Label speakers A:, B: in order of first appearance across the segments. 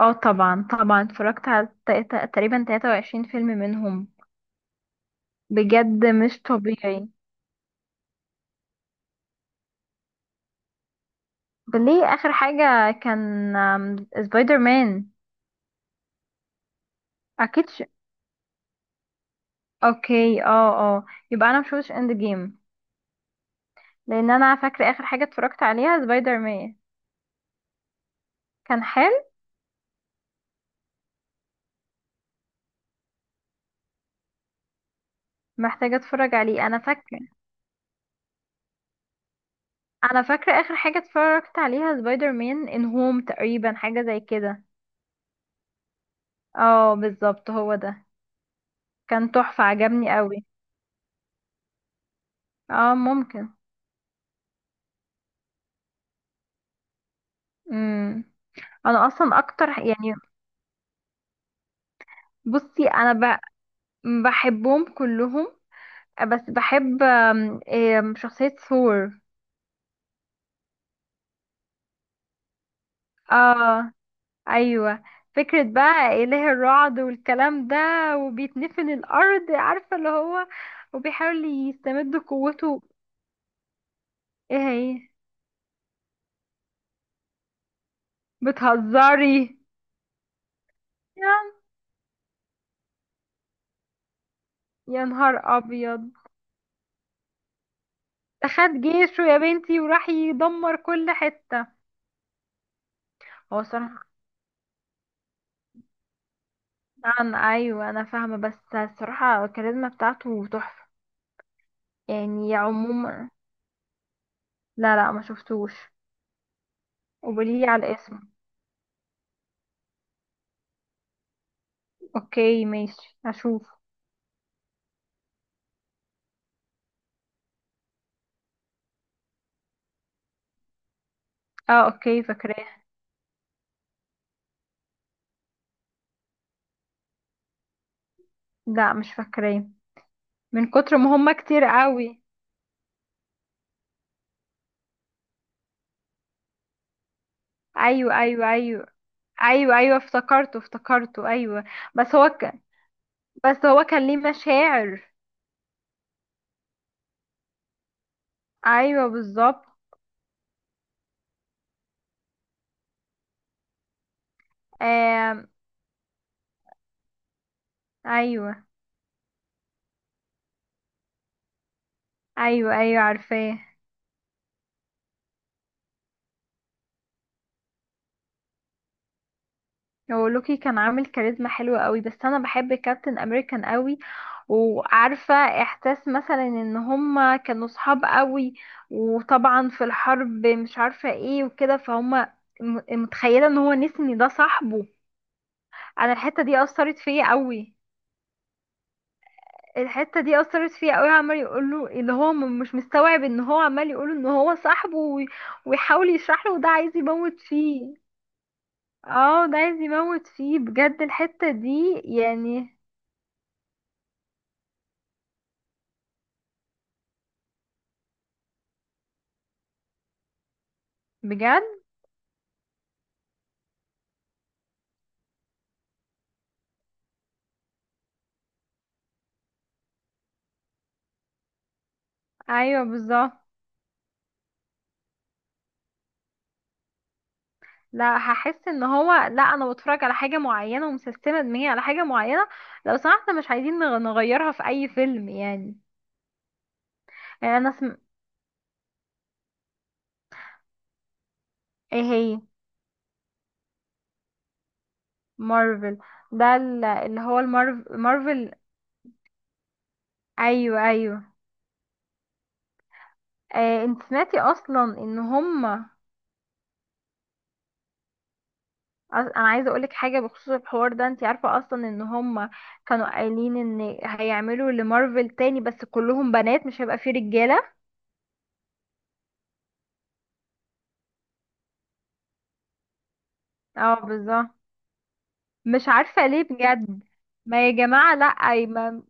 A: اه طبعا اتفرجت على تقريبا 23 فيلم منهم. بجد مش طبيعي. ليه اخر حاجة كان سبايدر مان. اكيد ش... اوكي، اه. يبقى انا مشوفتش اند جيم، لان انا فاكرة اخر حاجة اتفرجت عليها سبايدر مان. كان حلو. محتاجة اتفرج عليه. انا فاكرة، انا فاكرة اخر حاجة اتفرجت عليها سبايدر مان ان هوم، تقريبا حاجة زي كده. اه بالظبط هو ده. كان تحفة، عجبني قوي. اه ممكن. مم. انا اصلا اكتر، يعني بصي انا ب- بحبهم كلهم، بس بحب آم، آم، شخصية ثور. اه، ايوه. فكرة بقى اله الرعد والكلام ده، وبيتنفن الارض، عارفة اللي هو وبيحاول يستمد قوته. ايه هي؟ بتهزري؟ يا، يا نهار ابيض، ده خد جيشه يا بنتي وراح يدمر كل حتة. هو صراحة عن ايوه، انا فاهمة، بس الصراحة الكاريزما بتاعته تحفة يعني عموما. لا لا، ما شفتوش. وبلي على الاسم. اوكي ماشي، هشوف. اه اوكي، فاكراه. لا مش فاكراه. من كتر ما هما كتير قوي. ايوه ايوه ايوه، ايوه ايوه، افتكرته افتكرته، ايوه. بس هو ك... بس هو كان ليه مشاعر. ايوه بالظبط. آم... ايوه ايوه ايوه، عارفاه. هو لوكي كان عامل كاريزما حلوة قوي، بس انا بحب كابتن امريكان قوي. وعارفة احساس مثلا ان هما كانوا صحاب قوي، وطبعا في الحرب، مش عارفة ايه وكده، فهما متخيلة ان هو نسني ده صاحبه. انا الحتة دي اثرت فيا قوي. الحتة دي اثرت فيا قوي، عمال يقول له اللي هو مش مستوعب ان هو عمال يقول ان هو صاحبه ويحاول يشرح له، ده عايز يموت فيه. اه، ده عايز يموت فيه بجد. الحتة دي يعني بجد. ايوه بالظبط. لا، هحس ان هو، لا انا بتفرج على حاجه معينه ومسستمه دماغي على حاجه معينه، لو سمحت مش عايزين نغيرها في اي فيلم يعني. يعني انا سم... ايه هي؟ مارفل. ده اللي هو مارفل. ايوه ايوه. آه، انت سمعتي اصلا ان هم، انا عايزه اقولك حاجه بخصوص الحوار ده، انت عارفه اصلا ان هم كانوا قايلين ان هيعملوا لمارفل تاني بس كلهم بنات، مش هيبقى فيه رجاله. اه بالظبط. مش عارفة ليه بجد. ما يا جماعة، لا أي ما.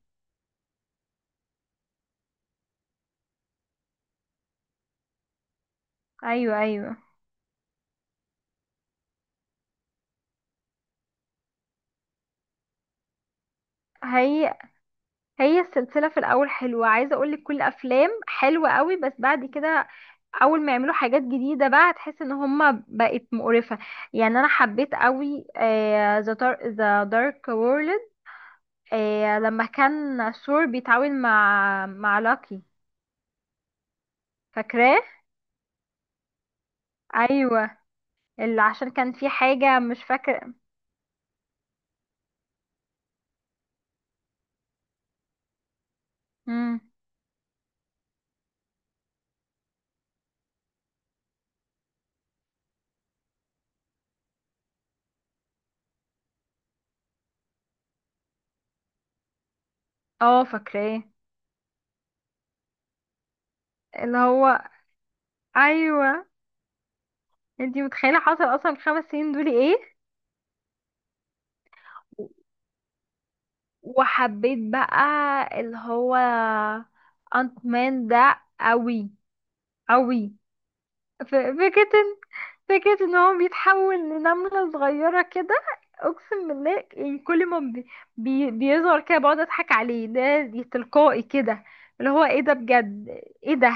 A: أيوه أيوه. هي هي السلسلة في الأول حلوة، عايزة أقولك كل أفلام حلوة قوي، بس بعد كده أول ما يعملوا حاجات جديدة بقى هتحس إن هما بقت مقرفة. يعني أنا حبيت قوي ذا ذا دارك وورلد لما كان ثور بيتعاون مع لاكي. فاكراه. أيوه، اللي عشان كان في حاجة مش فاكرة. مم. اه فاكراه. اللي هو، أيوه. انتي متخيلة حصل اصلا في ال 5 سنين دول ايه؟ وحبيت بقى اللي هو انت مان ده قوي، قوي. ف- فكرة ان- فكرة ان هو بيتحول لنملة صغيرة كده، اقسم بالله، يعني كل ما بيظهر كده بقعد اضحك عليه، ده دي تلقائي كده اللي هو ايه ده بجد. ايه ده؟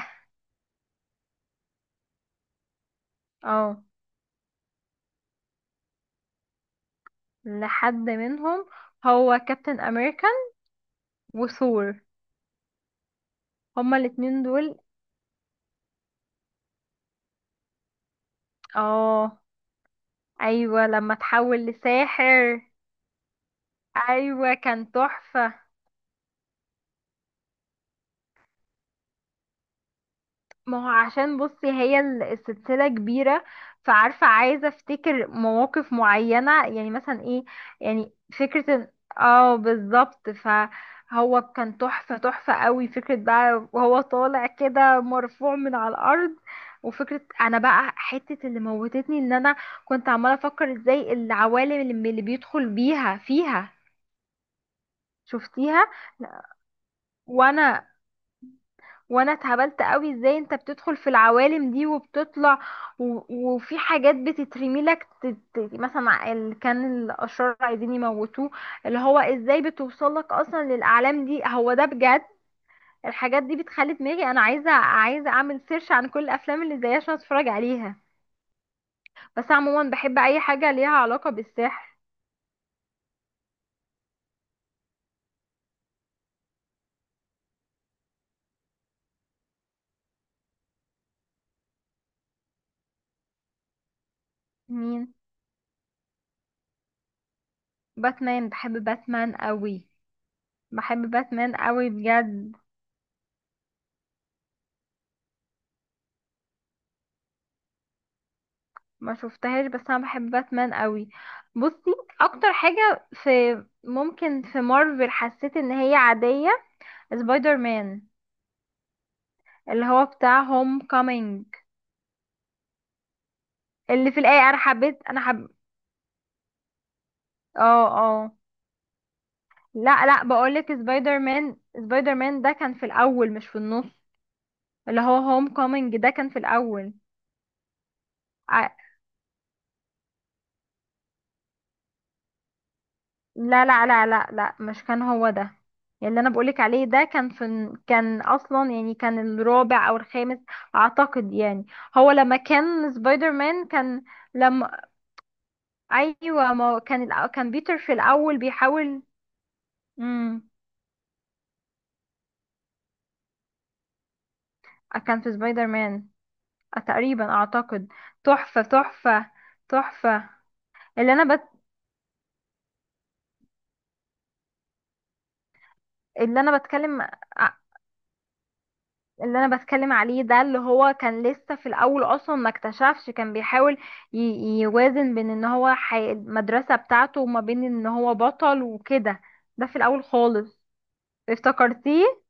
A: اه، لحد منهم، هو كابتن امريكان وثور، هما الاتنين دول. اه. ايوه، لما تحول لساحر. ايوه كان تحفه. ما هو عشان بصي هي السلسله كبيره، فعارفه عايزه افتكر مواقف معينه، يعني مثلا ايه يعني. فكره إن- اه بالظبط، فهو كان تحفه، تحفه قوي. فكره بقى وهو طالع كده مرفوع من على الارض، وفكرة انا بقى حتة اللي موتتني ان انا كنت عمالة افكر ازاي العوالم اللي اللي بيدخل بيها فيها. شفتيها؟ وانا، وانا اتهبلت قوي، ازاي انت بتدخل في العوالم دي وبتطلع، وفي حاجات بتترمي لك، مثلا اللي كان الاشرار عايزين يموتوه، اللي هو ازاي بتوصل لك اصلا للاعلام دي، هو ده بجد. الحاجات دي بتخلي دماغي انا عايزه اعمل سيرش عن كل الافلام اللي زيها عشان اتفرج عليها. بس عموما بحب اي حاجه ليها علاقه بالسحر. مين؟ باتمان؟ بحب باتمان قوي. بحب باتمان قوي بجد. ما شفتهاش، بس انا بحب باتمان قوي. بصي، اكتر حاجه في، ممكن في مارفل حسيت ان هي عاديه، سبايدر مان اللي هو بتاع هوم كومينج. اللي في الايه، انا حبيت، انا حب. اه اه. لا لا، بقولك سبايدر مان، سبايدر مان ده كان في الاول مش في النص. اللي هو هوم كومينج ده كان في الاول. لا لا لا لا لا، مش كان هو ده. اللي انا بقولك عليه ده كان في، كان اصلا يعني كان الرابع او الخامس اعتقد يعني. هو لما كان سبايدر مان كان، لما، ايوه ما هو كان كان بيتر في الاول بيحاول. امم. كان في سبايدر مان تقريبا اعتقد. تحفة، تحفة، تحفة. اللي انا بت... اللي انا بتكلم اللي انا بتكلم عليه ده، اللي هو كان لسه في الاول، اصلا ما اكتشفش، كان بيحاول يوازن بين ان هو المدرسة بتاعته وما بين ان هو بطل وكده. ده في الاول خالص. افتكرتيه.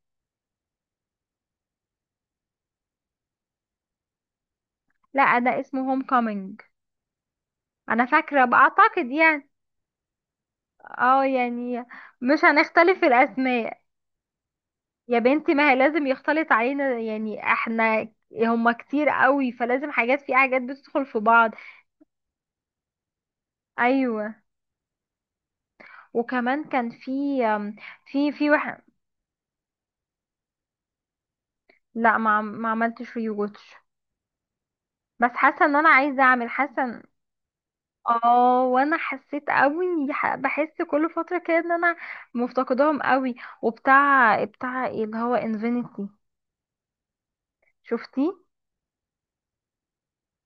A: لا، ده اسمه هوم كومينج. انا فاكرة بقى اعتقد يعني. اه يعني مش هنختلف في الاسماء يا بنتي، ما هي لازم يختلط علينا، يعني احنا هما كتير قوي، فلازم حاجات في حاجات بتدخل في بعض. ايوه. وكمان كان في، في واحد. لا، ما عملتش ريوتش. بس حاسه ان انا عايزه اعمل، اه وانا حسيت قوي، بحس كل فتره كده ان انا مفتقداهم قوي. وبتاع ايه اللي هو انفينيتي؟ شفتيه؟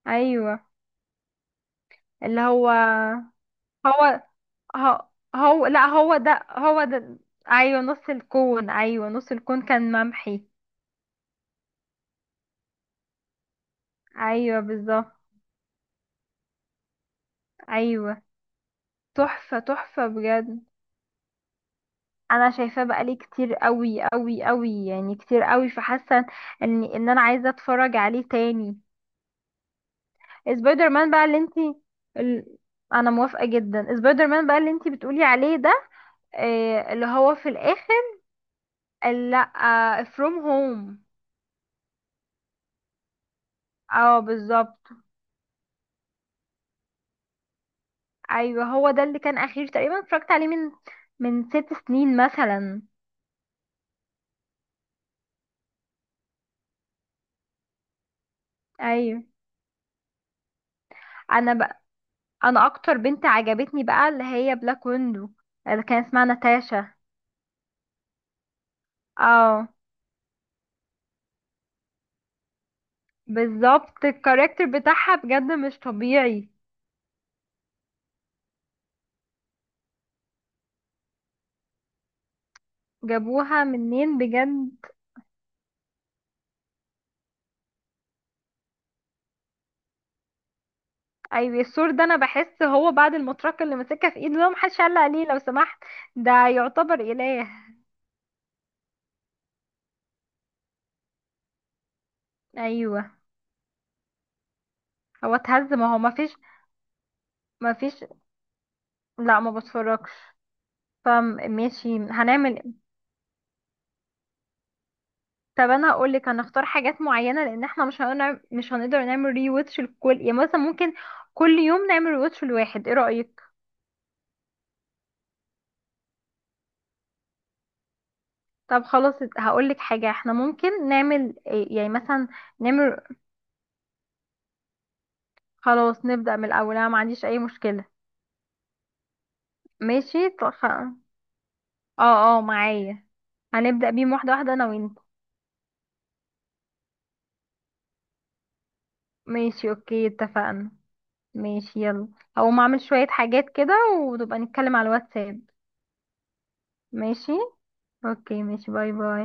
A: ايوه اللي هو. هو هو, هو لا، هو ده، هو ده. ايوه نص الكون، ايوه نص الكون كان ممحي. ايوه بالظبط. ايوه. تحفه، تحفه بجد. انا شايفاه بقالي كتير قوي قوي قوي، يعني كتير قوي، فحاسه ان انا عايزه اتفرج عليه تاني. سبايدر مان بقى اللي انتي، ال... انا موافقه جدا، سبايدر مان بقى اللي انتي بتقولي عليه ده. آه اللي هو في الاخر، لا فروم هوم. اه بالظبط. ايوه هو ده اللي كان اخير، تقريبا اتفرجت عليه من، من 6 سنين مثلا. ايوه. انا بقى، انا اكتر بنت عجبتني بقى اللي هي بلاك ويندو، اللي كان اسمها ناتاشا. اه بالظبط، الكاركتر بتاعها بجد مش طبيعي. جابوها منين بجد. ايوه السور ده، انا بحس هو بعد المطرقه اللي ماسكها في ايده ده، محدش علق عليه لو سمحت. ده يعتبر اله. ايوه. هو اتهز. ما هو مفيش، مفيش. لا ما بتفرجش. فماشي هنعمل إيه؟ طب انا هقول لك، هنختار حاجات معينه، لان احنا مش هنقدر، مش هنقدر نعمل ري واتش لكل، يعني مثلا ممكن كل يوم نعمل ري واتش لواحد، ايه رايك؟ طب خلاص هقول لك حاجة، احنا ممكن نعمل إيه؟ يعني مثلا نعمل، خلاص نبدأ من الأول، انا ما عنديش أي مشكلة. ماشي، اه اه معايا. هنبدأ بيهم واحدة واحدة انا وانت. ماشي اوكي، اتفقنا. ماشي يلا، هقوم اعمل شوية حاجات كده ونبقى نتكلم على الواتساب. ماشي. اوكي ماشي، باي باي.